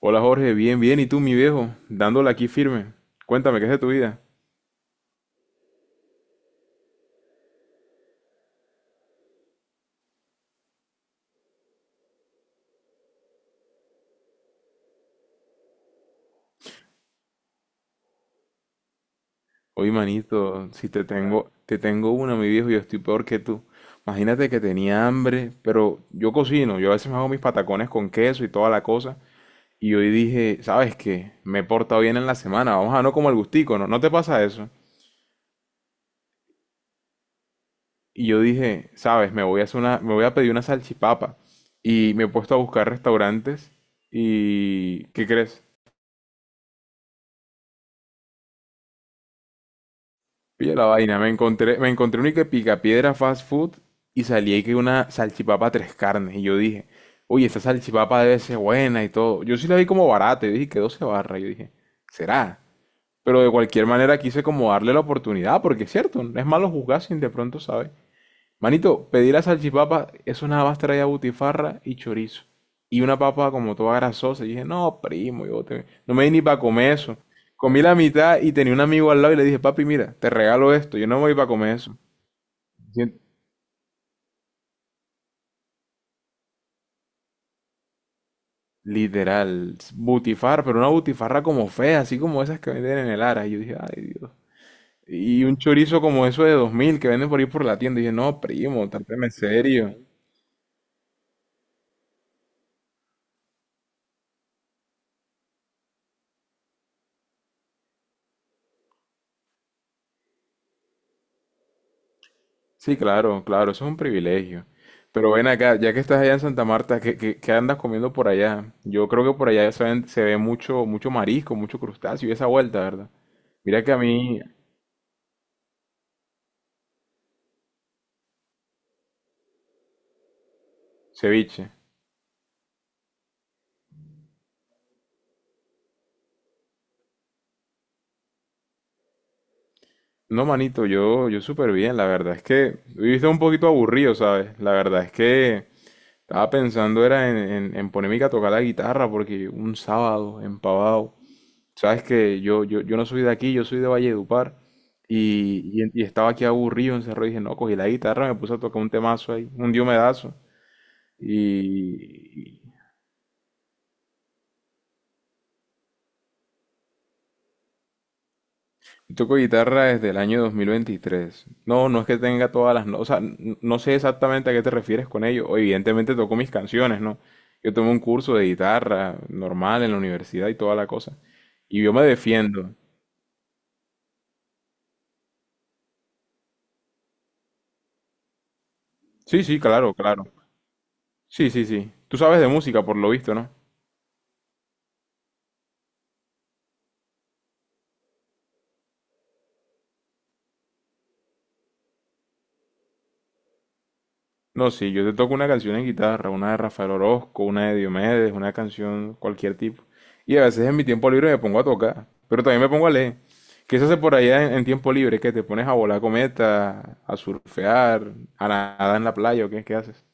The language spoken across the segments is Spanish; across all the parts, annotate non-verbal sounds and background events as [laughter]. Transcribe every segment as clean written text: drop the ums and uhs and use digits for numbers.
Hola Jorge, bien, bien. ¿Y tú, mi viejo? Dándole aquí firme. Cuéntame, ¿qué es de tu vida? Oye, manito, si te tengo una, mi viejo, yo estoy peor que tú. Imagínate que tenía hambre, pero yo cocino, yo a veces me hago mis patacones con queso y toda la cosa. Y hoy dije, ¿sabes qué? Me he portado bien en la semana, vamos a no como el gustico, ¿no? ¿No te pasa eso? Y yo dije, ¿sabes? Me voy a pedir una salchipapa. Y me he puesto a buscar restaurantes. ¿Y qué crees? Pilla la vaina, me encontré un que picapiedra fast food y salí ahí que una salchipapa tres carnes. Y yo dije, oye, esta salchipapa debe ser buena y todo. Yo sí la vi como barata, y dije que 12 barras. Yo dije, será. Pero de cualquier manera quise como darle la oportunidad, porque es cierto, no es malo juzgar sin de pronto, ¿sabes? Manito, pedí la salchipapa, eso nada más traía butifarra y chorizo. Y una papa como toda grasosa. Y dije, no, primo, no me di ni para comer eso. Comí la mitad y tenía un amigo al lado y le dije, papi, mira, te regalo esto, yo no me voy para comer eso. Sien- Literal, butifarra, pero una butifarra como fea, así como esas que venden en el Ara. Y yo dije, ay Dios. Y un chorizo como eso de 2.000 que venden por ahí por la tienda. Y dije, no, primo, trátame serio. Sí, claro, claro, eso es un privilegio. Pero ven acá, ya que estás allá en Santa Marta, ¿qué andas comiendo por allá? Yo creo que por allá se ve mucho, mucho marisco, mucho crustáceo y esa vuelta, ¿verdad? Mira que a mí, ceviche. No, manito, yo súper bien, la verdad es que viviste un poquito aburrido, ¿sabes? La verdad es que estaba pensando era en ponerme a tocar la guitarra porque un sábado, empavado, sabes que yo no soy de aquí, yo soy de Valledupar y, y estaba aquí aburrido, encerrado y dije, no, cogí la guitarra, me puse a tocar un temazo ahí, un diomedazo. Y, y toco guitarra desde el año 2023. No, no es que tenga todas las notas, o sea, no sé exactamente a qué te refieres con ello. O Evidentemente toco mis canciones, ¿no? Yo tomé un curso de guitarra normal en la universidad y toda la cosa. Y yo me defiendo. Sí, sí, claro, claro. Sí, sí, sí. Tú sabes de música, por lo visto, ¿no? No, sí, yo te toco una canción en guitarra, una de Rafael Orozco, una de Diomedes, una canción cualquier tipo. Y a veces en mi tiempo libre me pongo a tocar, pero también me pongo a leer. ¿Qué se hace por allá en tiempo libre? ¿Que te pones a volar cometas, a surfear, a nadar en la playa o qué, qué haces?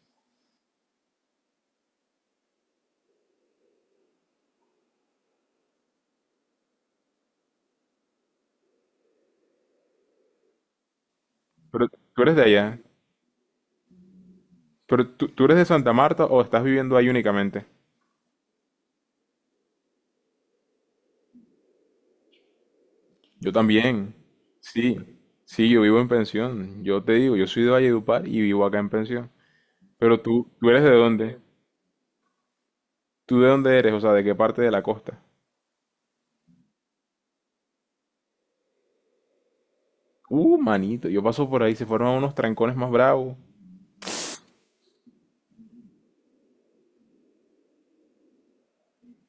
Pero tú eres de allá. ¿Pero tú eres de Santa Marta o estás viviendo ahí únicamente? Yo también. Sí, sí, yo vivo en pensión. Yo te digo, yo soy de Valledupar y vivo acá en pensión. Pero tú, ¿tú eres de dónde? ¿Tú de dónde eres? O sea, ¿de qué parte de la costa? Manito, yo paso por ahí, se forman unos trancones más bravos.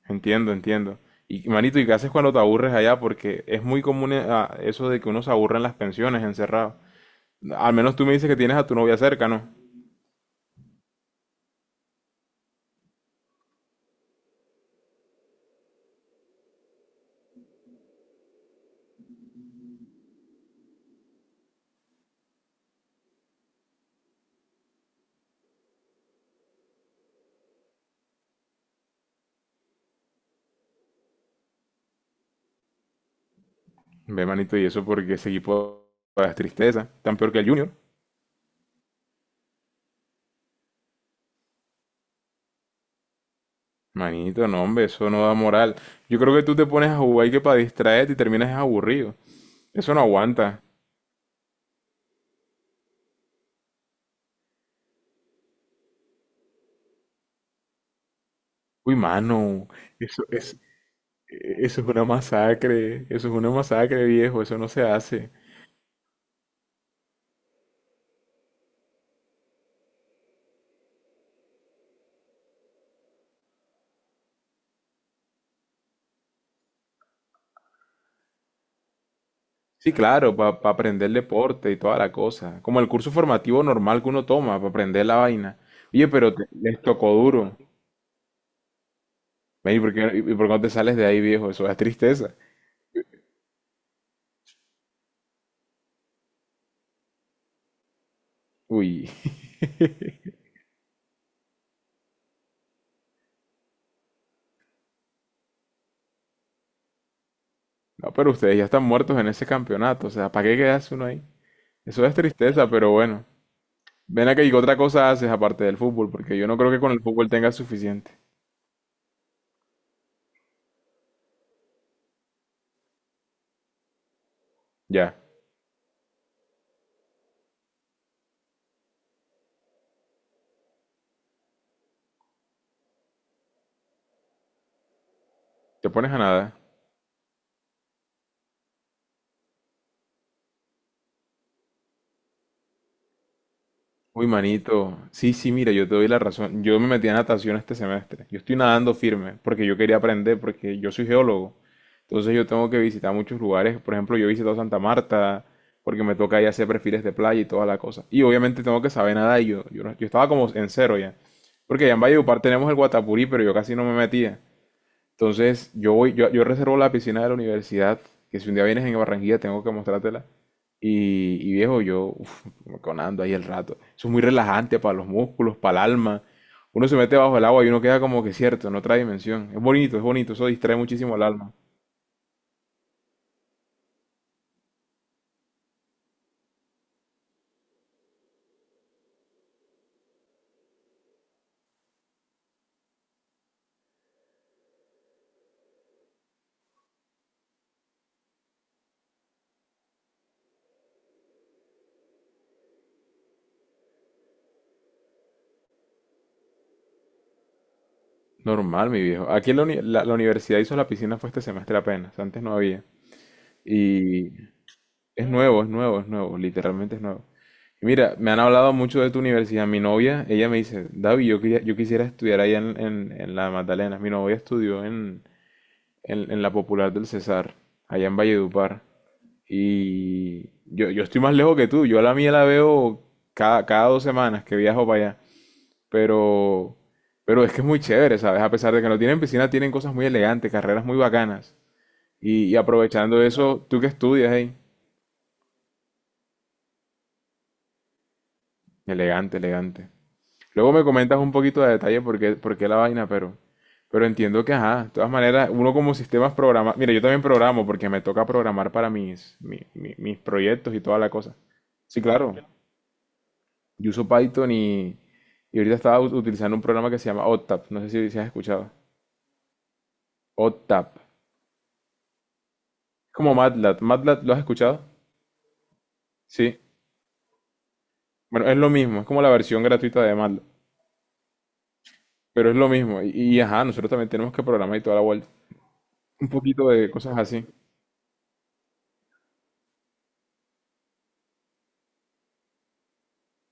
Entiendo, entiendo. Y manito, ¿y qué haces cuando te aburres allá? Porque es muy común eso de que uno se aburre en las pensiones, encerrado. Al menos tú me dices que tienes a tu novia cerca, ¿no? Ve, manito, y eso porque ese equipo es tristeza, tan peor que el Junior. Manito, no, hombre, eso no da moral. Yo creo que tú te pones a jugar y que para distraerte y terminas es aburrido. Eso no aguanta. Uy, mano, eso, eso es una masacre, eso es una masacre, viejo, eso no se hace. Sí, claro, para aprender deporte y toda la cosa. Como el curso formativo normal que uno toma para aprender la vaina. Oye, pero les tocó duro. Ven, ¿y y por qué no te sales de ahí, viejo? Eso es tristeza. Uy, [laughs] no, pero ustedes ya están muertos en ese campeonato. O sea, ¿para qué quedas uno ahí? Eso es tristeza, pero bueno. Ven acá y qué otra cosa haces aparte del fútbol, porque yo no creo que con el fútbol tengas suficiente. Ya, te pones a nada. Uy, manito. Sí, sí, mira, yo te doy la razón. Yo me metí a natación este semestre. Yo estoy nadando firme porque yo quería aprender, porque yo soy geólogo. Entonces yo tengo que visitar muchos lugares. Por ejemplo, yo he visitado Santa Marta porque me toca ahí hacer perfiles de playa y toda la cosa. Y obviamente tengo que saber nadar y yo, no- yo estaba como en cero ya. Porque allá en Valledupar tenemos el Guatapurí, pero yo casi no me metía. Entonces, yo voy, yo reservo la piscina de la universidad, que si un día vienes en Barranquilla tengo que mostrártela. Y viejo, yo uf, me conando ahí el rato. Eso es muy relajante para los músculos, para el alma. Uno se mete bajo el agua y uno queda como que cierto, en otra dimensión. Es bonito, eso distrae muchísimo el alma. Normal, mi viejo. Aquí en la universidad hizo la piscina fue este semestre apenas, antes no había. Y Es nuevo, es nuevo, es nuevo, literalmente es nuevo. Y mira, me han hablado mucho de tu universidad. Mi novia, ella me dice, David, yo quisiera estudiar allá en, en la Magdalena. Mi novia estudió en, en la Popular del Cesar, allá en Valledupar. Y yo estoy más lejos que tú. Yo a la mía la veo cada 2 semanas que viajo para allá. Pero, pero es que es muy chévere, ¿sabes? A pesar de que no tienen piscina, tienen cosas muy elegantes, carreras muy bacanas. Y aprovechando eso, ¿tú qué estudias ahí? Elegante, elegante. Luego me comentas un poquito de detalle por qué la vaina, pero entiendo que, ajá, de todas maneras, uno como sistemas programa, mira, yo también programo porque me toca programar para mis proyectos y toda la cosa. Sí, claro, yo uso Python y ahorita estaba utilizando un programa que se llama OTAP, no sé si, si has escuchado. OTAP, es como MATLAB, ¿MATLAB lo has escuchado? Sí, bueno, es lo mismo, es como la versión gratuita de MATLAB, pero es lo mismo, y ajá, nosotros también tenemos que programar y toda la vuelta. Un poquito de cosas así.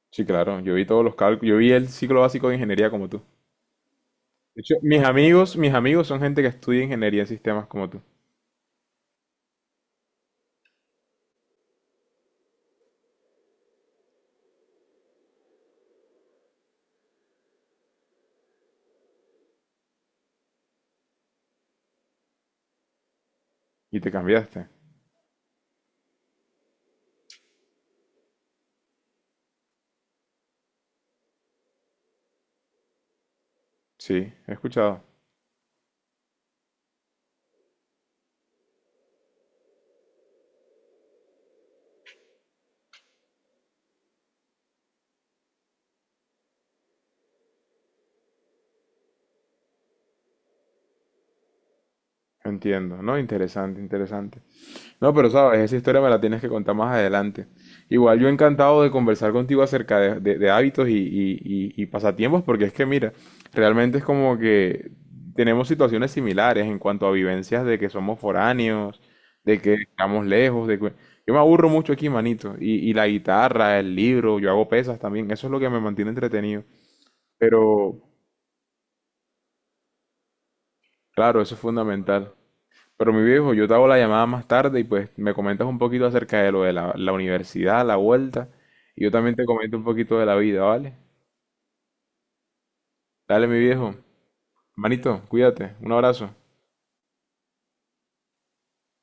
Sí, claro, yo vi todos los cálculos, yo vi el ciclo básico de ingeniería como tú. De hecho, mis amigos son gente que estudia ingeniería en sistemas como tú. Y te cambiaste. Sí, he escuchado. Entiendo, ¿no? Interesante, interesante. No, pero sabes, esa historia me la tienes que contar más adelante. Igual yo encantado de conversar contigo acerca de, de hábitos y, y pasatiempos, porque es que mira, realmente es como que tenemos situaciones similares en cuanto a vivencias de que somos foráneos, de que estamos lejos, de que... Yo me aburro mucho aquí, manito, y la guitarra, el libro, yo hago pesas también, eso es lo que me mantiene entretenido. Pero claro, eso es fundamental. Pero mi viejo, yo te hago la llamada más tarde y pues me comentas un poquito acerca de lo de la universidad, la vuelta, y yo también te comento un poquito de la vida, ¿vale? Dale, mi viejo. Manito, cuídate. Un abrazo.